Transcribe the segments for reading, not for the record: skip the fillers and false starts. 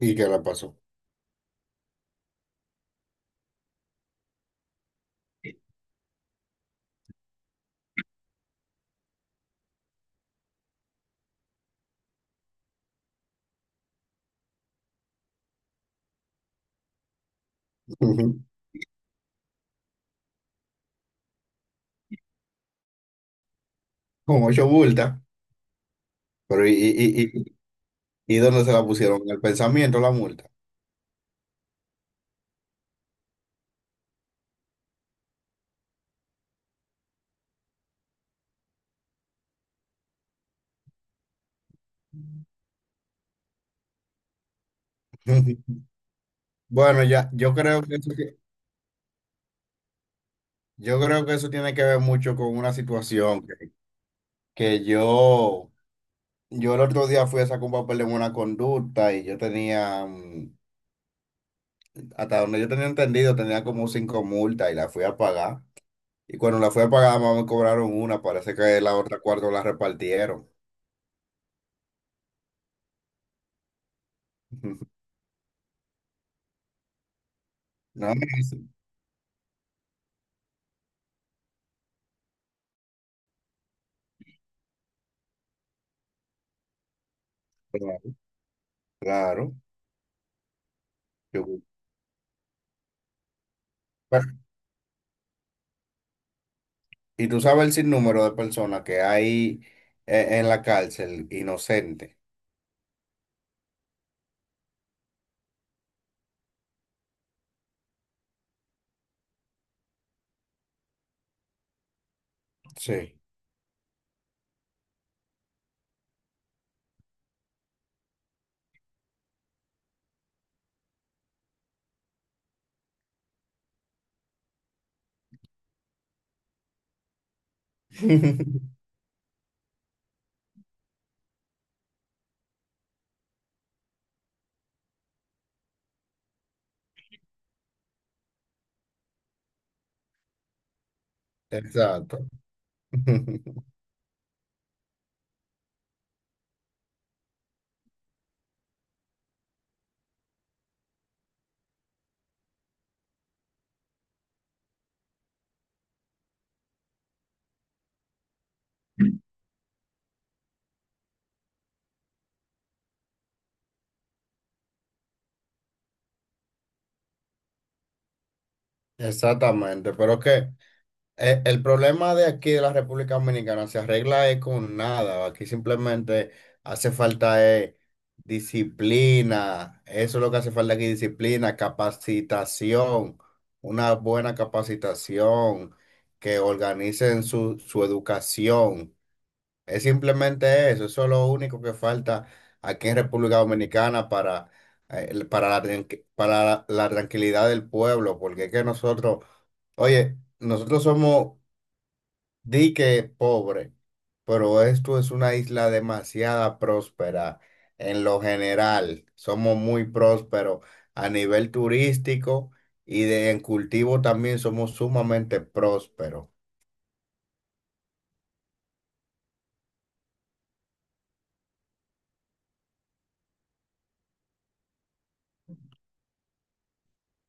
¿Y qué la pasó? Ujú. Con 8 multas. Pero ¿ y dónde se la pusieron? En el pensamiento la multa. Bueno, ya, yo creo que eso tiene que ver mucho con una situación que yo el otro día fui a sacar un papel de una conducta y yo tenía, hasta donde yo tenía entendido, tenía como 5 multas y la fui a pagar. Y cuando la fui a pagar, más me cobraron una, parece que la otra cuarto la repartieron. No, sí, claro, claro. Yo- Y tú sabes el sinnúmero de personas que hay en la cárcel inocente. Sí. Exacto. Exactamente. Pero que el problema de aquí de la República Dominicana se arregla es con nada. Aquí simplemente hace falta disciplina. Eso es lo que hace falta aquí, disciplina, capacitación, una buena capacitación, que organicen su educación. Es simplemente eso, eso es lo único que falta aquí en República Dominicana para, para la tranquilidad del pueblo, porque es que nosotros, oye, nosotros somos dique pobre, pero esto es una isla demasiada próspera en lo general, somos muy prósperos a nivel turístico en cultivo también somos sumamente prósperos.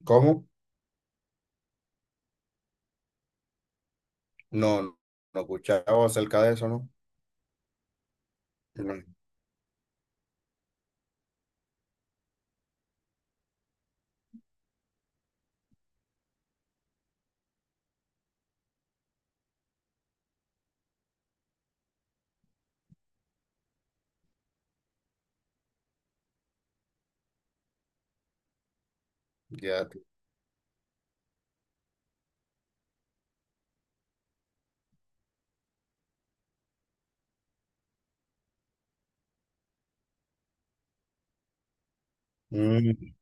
¿Cómo? No, no escuchaba acerca de eso, ¿no? Ya, te- Mm.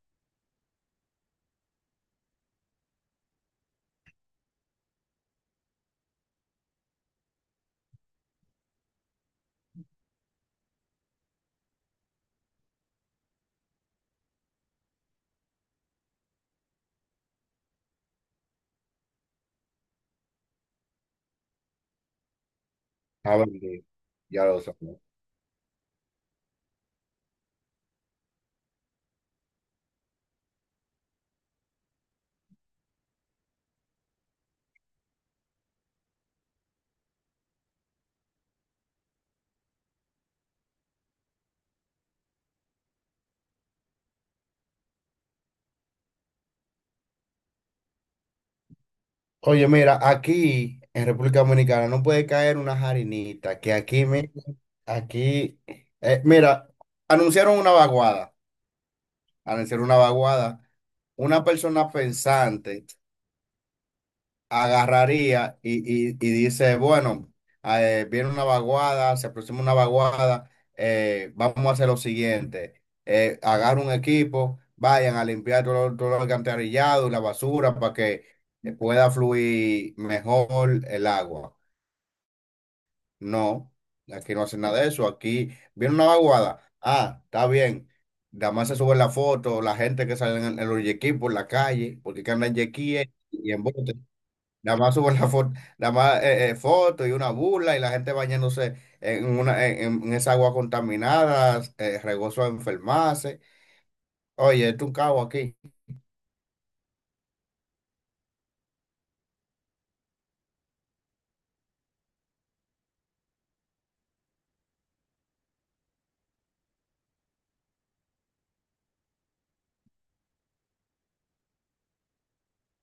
Ah, bueno, ya lo sabes. Oye, mira, aquí en República Dominicana no puede caer una jarinita, que aquí, me, aquí, mira, anunciaron una vaguada, anunciaron una vaguada, una persona pensante agarraría y dice, bueno, viene una vaguada, se aproxima una vaguada, vamos a hacer lo siguiente, agarra un equipo, vayan a limpiar todo, todo el alcantarillado y la basura para que pueda fluir mejor el agua. No, aquí no hacen nada de eso, aquí viene una vaguada, ah, está bien. Nada más se sube la foto, la gente que sale en los yequis por la calle, porque que andan en yequíes y en botes. Nada más suben la foto, nada más foto y una burla y la gente bañándose en una en esa agua contaminada, regoso a enfermarse. Oye, esto es un cabo aquí.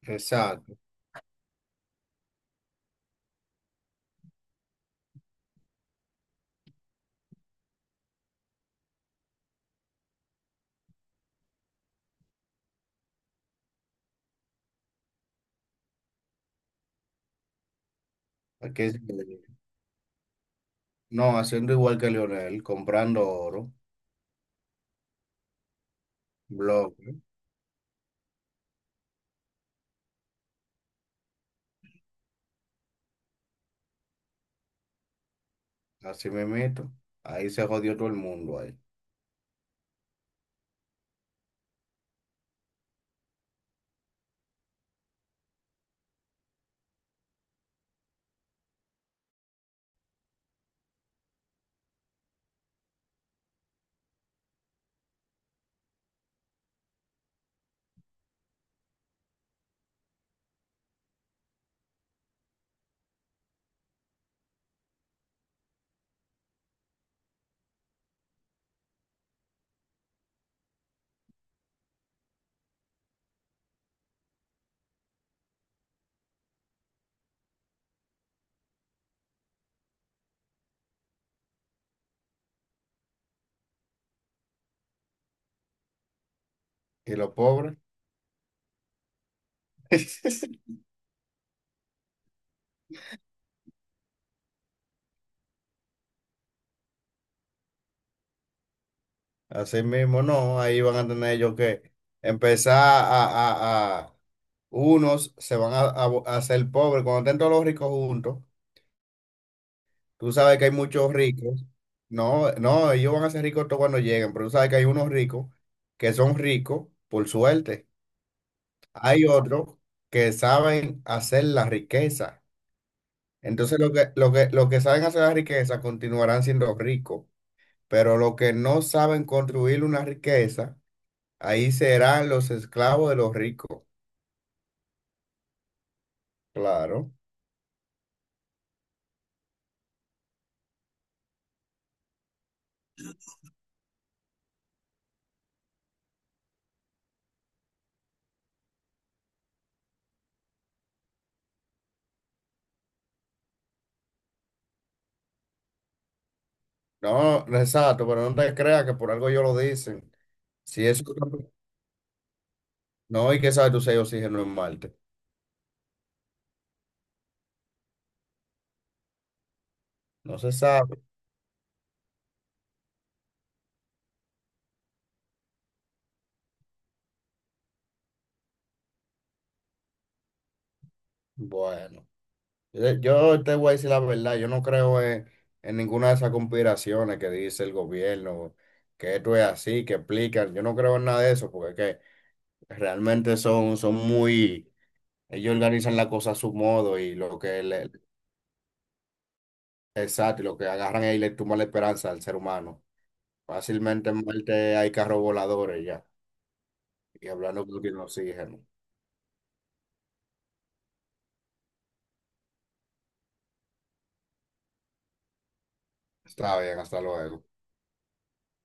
Exacto. Aquí es- no, haciendo igual que Lionel comprando oro, blog, así mismito. Ahí se jodió todo el mundo ahí. Y los pobres. Así mismo, no, ahí van a tener ellos que empezar a unos se van a, a hacer pobres cuando estén todos los ricos juntos. Tú sabes que hay muchos ricos. No, no, ellos van a ser ricos todos cuando lleguen, pero tú sabes que hay unos ricos que son ricos por suerte. Hay otros que saben hacer la riqueza. Entonces, lo que saben hacer la riqueza continuarán siendo ricos, pero los que no saben construir una riqueza, ahí serán los esclavos de los ricos. Claro. No, no, exacto, pero no te creas que por algo ellos lo dicen. Si eso no, y que sabe tú si ellos siguen en Marte. No se sabe. Bueno, yo te voy a decir la verdad, yo no creo en ninguna de esas conspiraciones que dice el gobierno, que esto es así, que explican, yo no creo en nada de eso, porque es que realmente son muy, ellos organizan la cosa a su modo y lo que le, exacto, y lo que agarran ahí le tumba la esperanza al ser humano. Fácilmente en Marte hay carros voladores ya, y hablando con el oxígeno. Está bien, hasta luego.